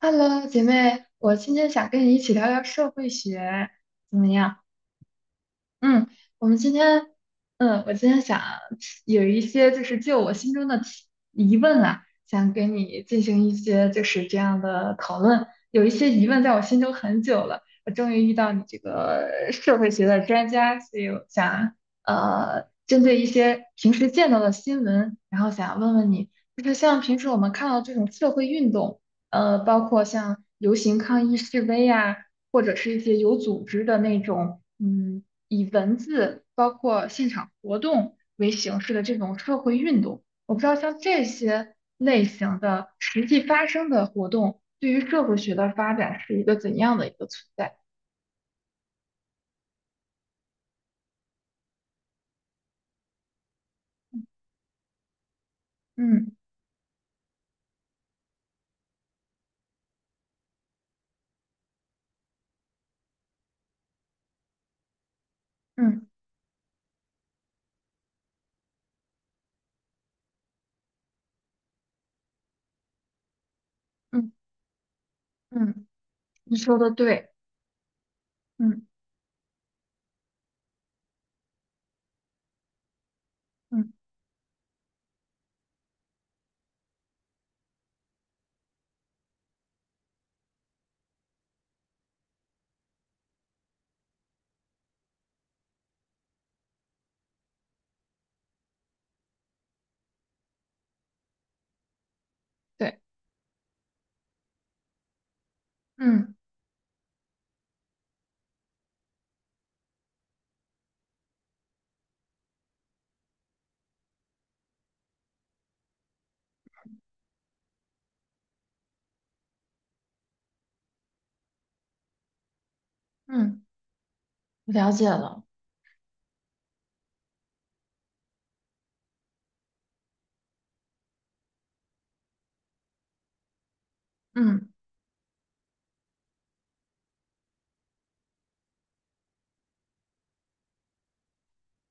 Hello，姐妹，我今天想跟你一起聊聊社会学，怎么样？嗯，我们今天，我今天想有一些就我心中的疑问啊，想跟你进行一些就是这样的讨论。有一些疑问在我心中很久了，我终于遇到你这个社会学的专家，所以我想针对一些平时见到的新闻，然后想问问你，就是像平时我们看到这种社会运动，包括像游行抗议示威啊，或者是一些有组织的那种，嗯。以文字包括现场活动为形式的这种社会运动。我不知道像这些类型的实际发生的活动，对于社会学的发展是一个怎样的一个存在？嗯。嗯。嗯。嗯，你说的对。嗯。嗯。对。嗯。嗯，我了解了。嗯。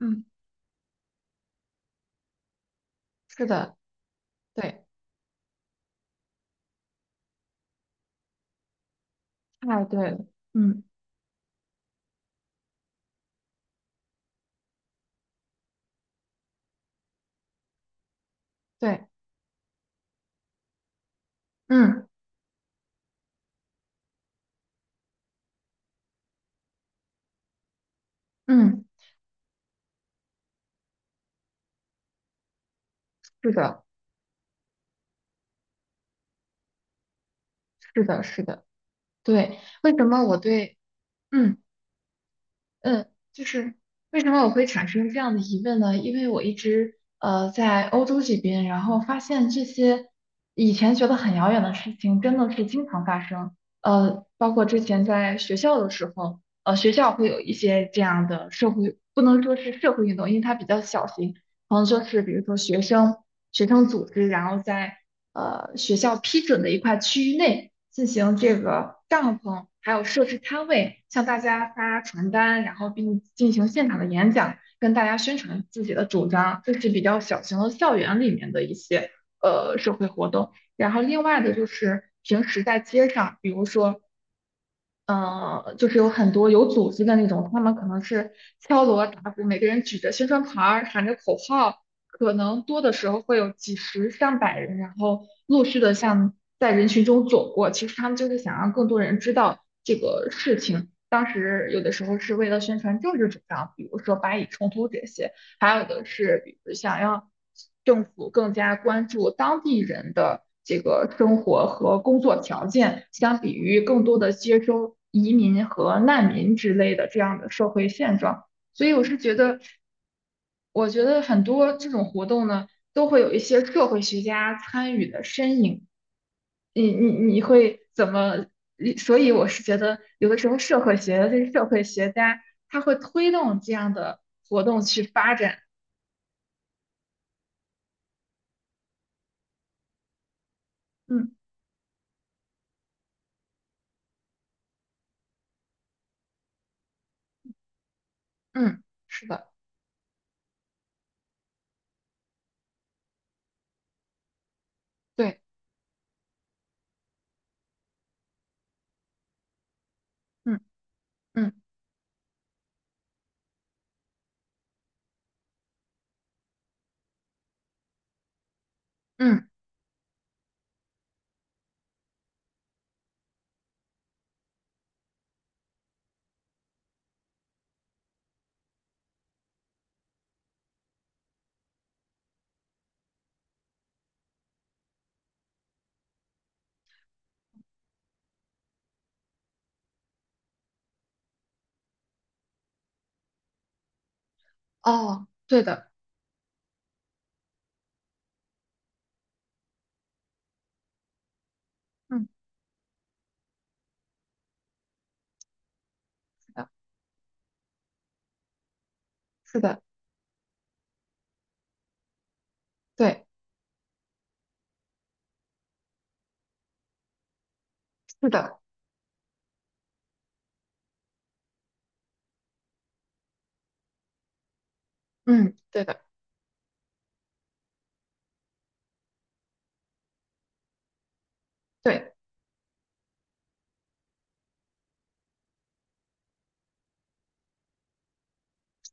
嗯，是的。对，太对了。嗯。对。嗯。嗯，是的，是的，是的。对，为什么我对嗯。嗯，就是为什么我会产生这样的疑问呢？因为我一直在欧洲这边，然后发现这些以前觉得很遥远的事情，真的是经常发生。包括之前在学校的时候，呃，学校会有一些这样的社会，不能说是社会运动，因为它比较小型，然后就是比如说学生组织，然后在学校批准的一块区域内进行这个帐篷，还有设置摊位，向大家发传单，然后并进行现场的演讲，跟大家宣传自己的主张。这是比较小型的校园里面的一些社会活动。然后另外的就是平时在街上，比如说就是有很多有组织的那种，他们可能是敲锣打鼓，每个人举着宣传牌儿，喊着口号，可能多的时候会有几十上百人，然后陆续的像在人群中走过。其实他们就是想让更多人知道这个事情。当时有的时候是为了宣传政治主张，比如说巴以冲突这些。还有的是，比如想要政府更加关注当地人的这个生活和工作条件，相比于更多的接收移民和难民之类的这样的社会现状。所以我是觉得，我觉得很多这种活动呢，都会有一些社会学家参与的身影。你会怎么？所以我是觉得，有的时候社会学的这些社会学家，他会推动这样的活动去发展。嗯。嗯，是的。对。嗯。嗯。嗯。哦，对的。嗯，是的，是的。对。是的。嗯，对的。对，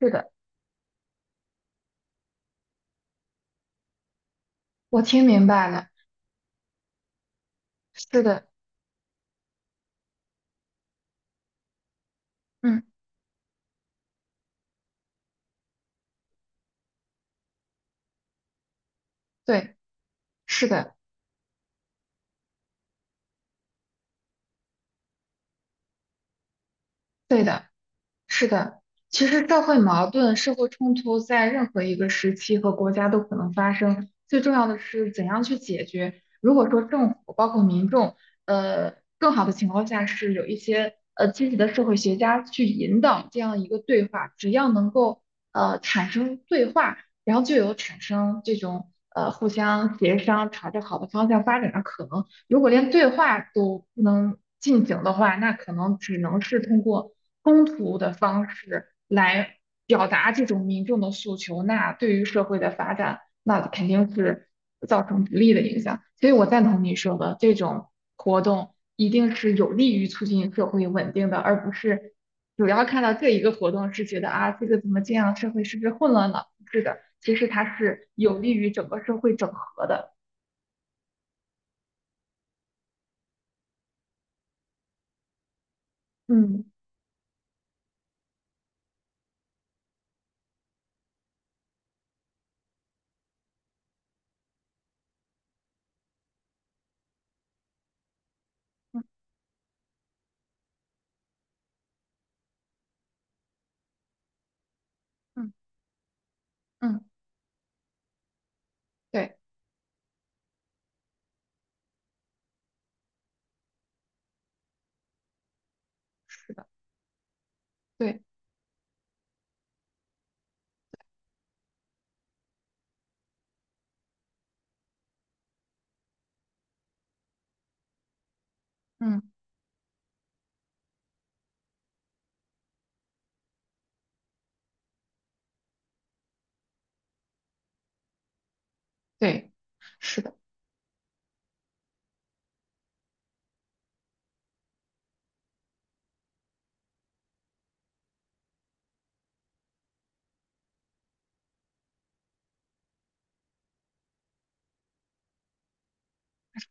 是的。我听明白了。是的。嗯。对。是的。对的。是的，其实社会矛盾、社会冲突在任何一个时期和国家都可能发生，最重要的是怎样去解决。如果说政府包括民众，呃，更好的情况下是有一些积极的社会学家去引导这样一个对话，只要能够产生对话，然后就有产生这种互相协商、朝着好的方向发展的可能。如果连对话都不能进行的话，那可能只能是通过冲突的方式来表达这种民众的诉求，那对于社会的发展，那肯定是造成不利的影响。所以我赞同你说的，这种活动一定是有利于促进社会稳定的，而不是主要看到这一个活动是觉得啊，这个怎么这样，社会是不是混乱了？不是的，其实它是有利于整个社会整合的。嗯。嗯。嗯。嗯。对，是的。对。嗯。对，是的，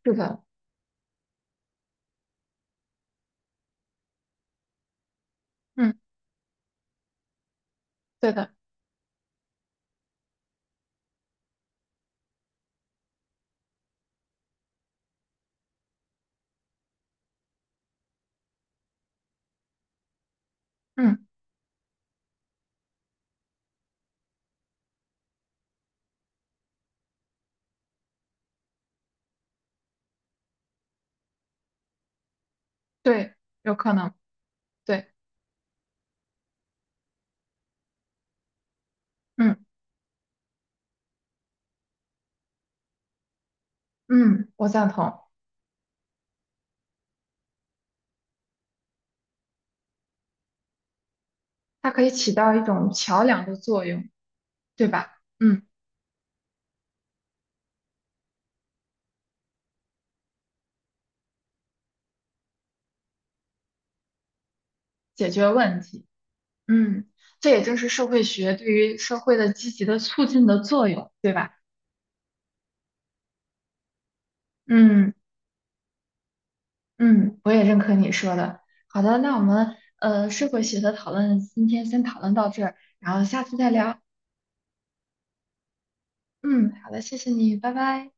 是的。嗯，对的。嗯。对，有可能。对。嗯。嗯，我赞同。它可以起到一种桥梁的作用，对吧？嗯，解决问题。嗯，这也就是社会学对于社会的积极的促进的作用，对吧？嗯。嗯，我也认可你说的。好的，那我们社会学的讨论今天先讨论到这儿，然后下次再聊。嗯，好的，谢谢你，拜拜。